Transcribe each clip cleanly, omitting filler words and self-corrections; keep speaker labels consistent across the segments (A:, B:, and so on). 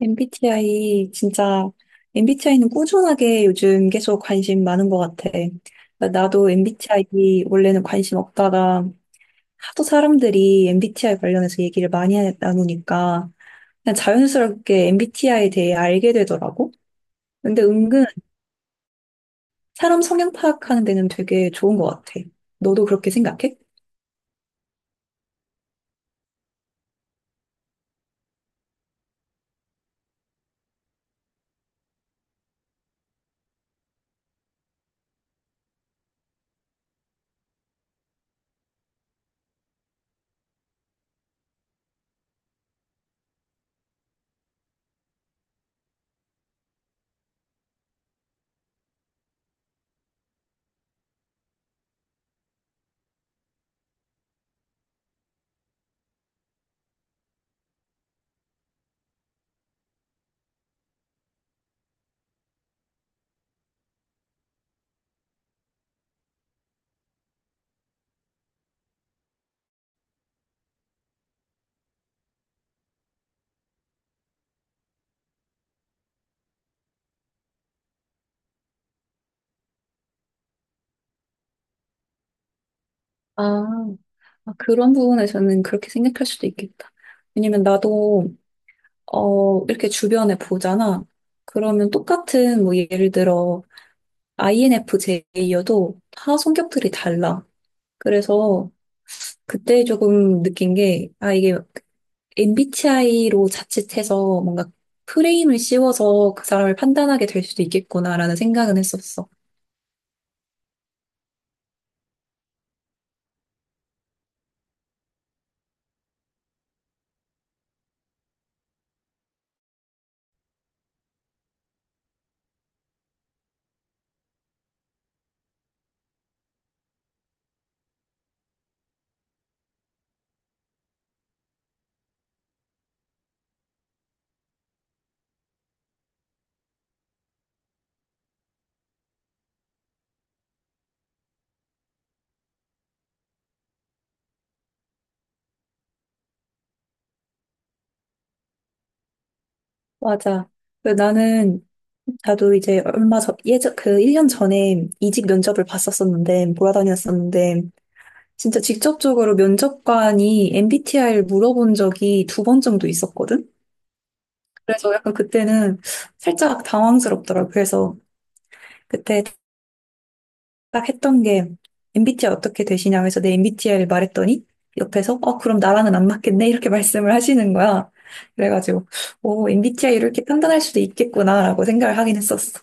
A: MBTI 진짜 MBTI는 꾸준하게 요즘 계속 관심 많은 것 같아. 그러니까 나도 MBTI 원래는 관심 없다가 하도 사람들이 MBTI 관련해서 얘기를 많이 나누니까 그냥 자연스럽게 MBTI에 대해 알게 되더라고. 근데 은근 사람 성향 파악하는 데는 되게 좋은 것 같아. 너도 그렇게 생각해? 아, 아, 그런 부분에서는 그렇게 생각할 수도 있겠다. 왜냐면 나도 이렇게 주변에 보잖아. 그러면 똑같은, 뭐, 예를 들어, INFJ여도 다 성격들이 달라. 그래서 그때 조금 느낀 게, 아, 이게 MBTI로 자칫해서 뭔가 프레임을 씌워서 그 사람을 판단하게 될 수도 있겠구나라는 생각은 했었어. 맞아. 그래서 나는, 나도 이제 얼마 전, 예전, 그 1년 전에 이직 면접을 봤었었는데, 몰아다녔었는데, 진짜 직접적으로 면접관이 MBTI를 물어본 적이 두 번 정도 있었거든? 그래서 약간 그때는 살짝 당황스럽더라고. 그래서 그때 딱 했던 게 MBTI 어떻게 되시냐 그래서 내 MBTI를 말했더니 옆에서 그럼 나랑은 안 맞겠네? 이렇게 말씀을 하시는 거야. 그래가지고, 오, MBTI 이렇게 판단할 수도 있겠구나라고 생각을 하긴 했었어.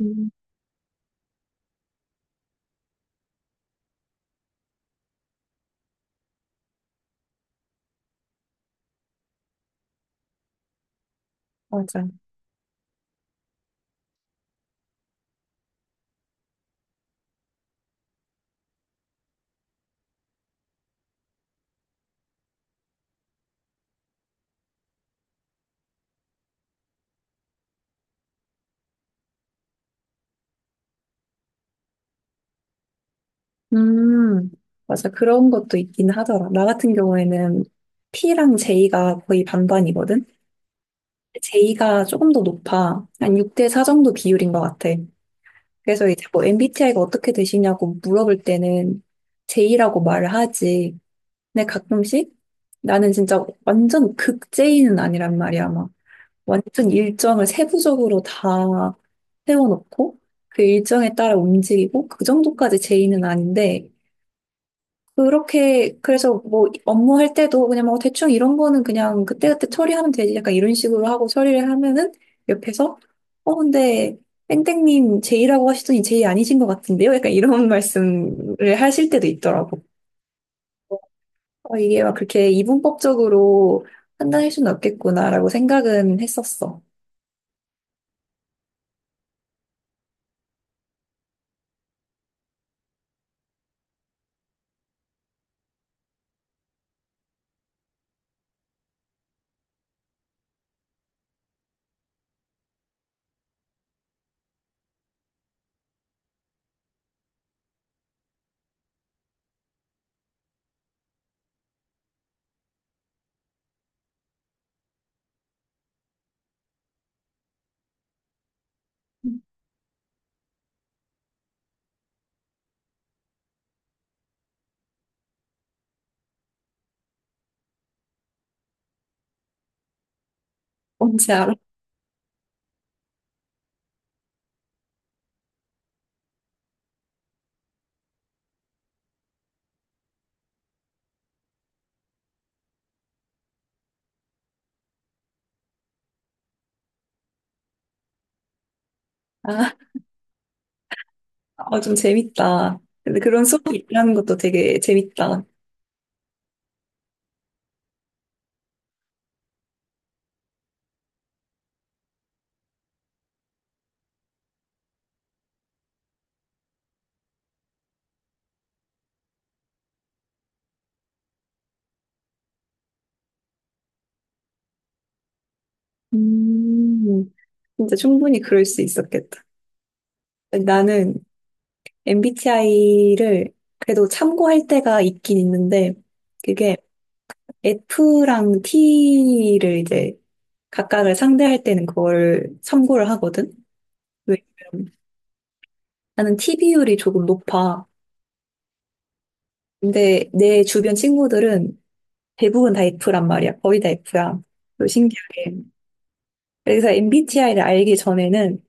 A: 음, 맞아. 음, 맞아. 그런 것도 있긴 하더라. 나 같은 경우에는 P랑 J가 거의 반반이거든? J가 조금 더 높아. 한 6대 4 정도 비율인 것 같아. 그래서 이제 뭐 MBTI가 어떻게 되시냐고 물어볼 때는 J라고 말을 하지. 근데 가끔씩 나는 진짜 완전 극 J는 아니란 말이야. 막 완전 일정을 세부적으로 다 세워놓고 그 일정에 따라 움직이고 그 정도까지 J는 아닌데 그렇게, 그래서 뭐 업무할 때도 그냥 뭐 대충 이런 거는 그냥 그때그때 처리하면 되지. 약간 이런 식으로 하고 처리를 하면은 옆에서, 근데 땡땡님 제이라고 하시더니 제이 아니신 것 같은데요? 약간 이런 말씀을 하실 때도 있더라고. 이게 막 그렇게 이분법적으로 판단할 수는 없겠구나라고 생각은 했었어. 뭔지 알아? 아, 좀 재밌다. 근데 그런 수업이 있다는 것도 되게 재밌다. 음, 진짜 충분히 그럴 수 있었겠다. 나는 MBTI를 그래도 참고할 때가 있긴 있는데, 그게 F랑 T를 이제 각각을 상대할 때는 그걸 참고를 하거든? 왜냐면 나는 T 비율이 조금 높아. 근데 내 주변 친구들은 대부분 다 F란 말이야. 거의 다 F야. 또 신기하게. 그래서 MBTI를 알기 전에는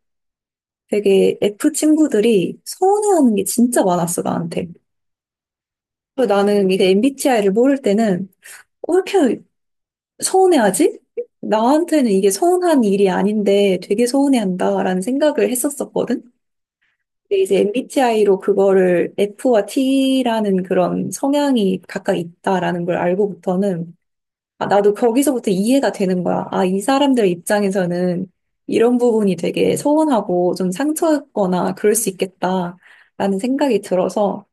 A: 되게 F 친구들이 서운해하는 게 진짜 많았어, 나한테. 그리고 나는 이게 MBTI를 모를 때는 왜 이렇게 서운해하지? 나한테는 이게 서운한 일이 아닌데 되게 서운해한다라는 생각을 했었었거든. 근데 이제 MBTI로 그거를 F와 T라는 그런 성향이 각각 있다라는 걸 알고부터는 아, 나도 거기서부터 이해가 되는 거야. 아, 이 사람들 입장에서는 이런 부분이 되게 서운하고 좀 상처였거나 그럴 수 있겠다라는 생각이 들어서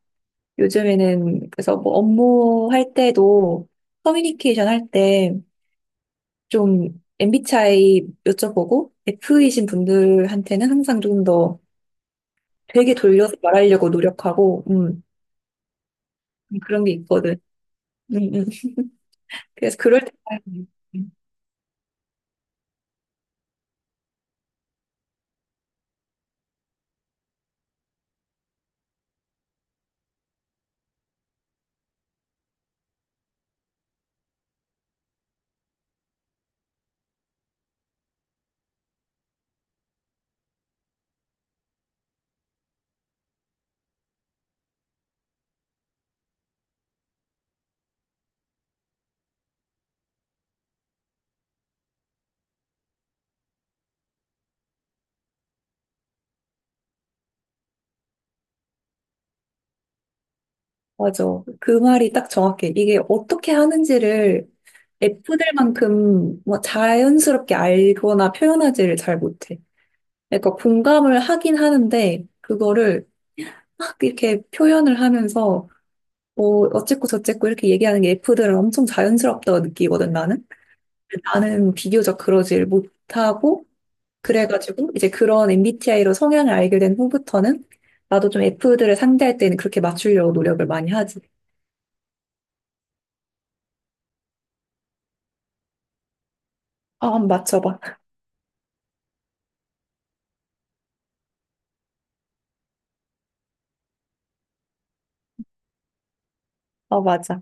A: 요즘에는 그래서 뭐 업무할 때도 커뮤니케이션 할때 좀 MBTI 여쭤보고 F이신 분들한테는 항상 좀 더 되게 돌려서 말하려고 노력하고 그런 게 있거든. 음, 음. 그래서 그럴 때 음, 음. 맞아. 그 말이 딱 정확해. 이게 어떻게 하는지를 F들만큼 뭐 자연스럽게 알거나 표현하지를 잘 못해. 그러니까 공감을 하긴 하는데 그거를 막 이렇게 표현을 하면서 뭐 어쨌고 저쨌고 이렇게 얘기하는 게 F들은 엄청 자연스럽다고 느끼거든 나는. 나는 비교적 그러질 못하고, 그래가지고 이제 그런 MBTI로 성향을 알게 된 후부터는 나도 좀 F들을 상대할 때는 그렇게 맞추려고 노력을 많이 하지. 아, 한번 맞춰봐. 아, 맞아.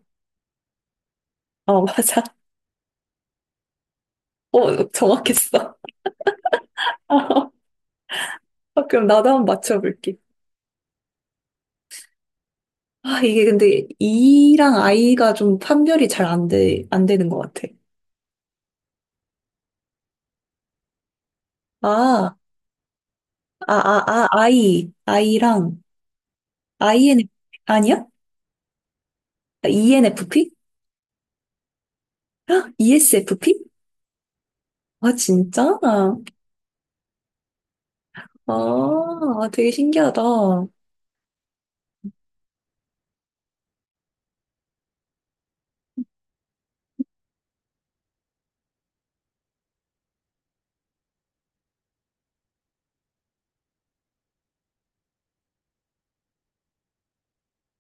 A: 아, 맞아. 정확했어. 아, 그럼 나도 한번 맞춰볼게. 아, 이게 근데 E랑 I가 좀 판별이 잘 안 되는 것 같아. 아, 아, I. I랑, IN, 아니야? ENFP? 헉, ESFP? 아, 진짜? 아, 되게 신기하다.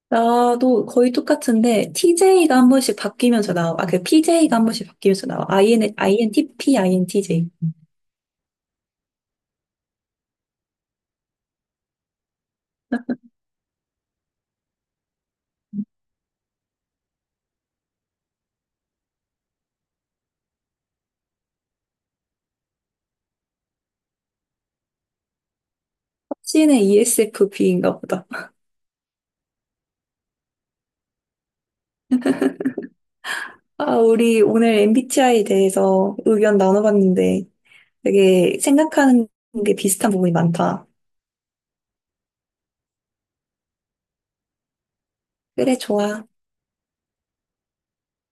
A: 나도 거의 똑같은데, TJ가 한 번씩 바뀌면서 나와. 아, 그 PJ가 한 번씩 바뀌면서 나와. IN, INTP, INTJ. 확신의 ESFP인가 보다. 아, 우리 오늘 MBTI에 대해서 의견 나눠봤는데, 되게 생각하는 게 비슷한 부분이 많다. 그래, 좋아.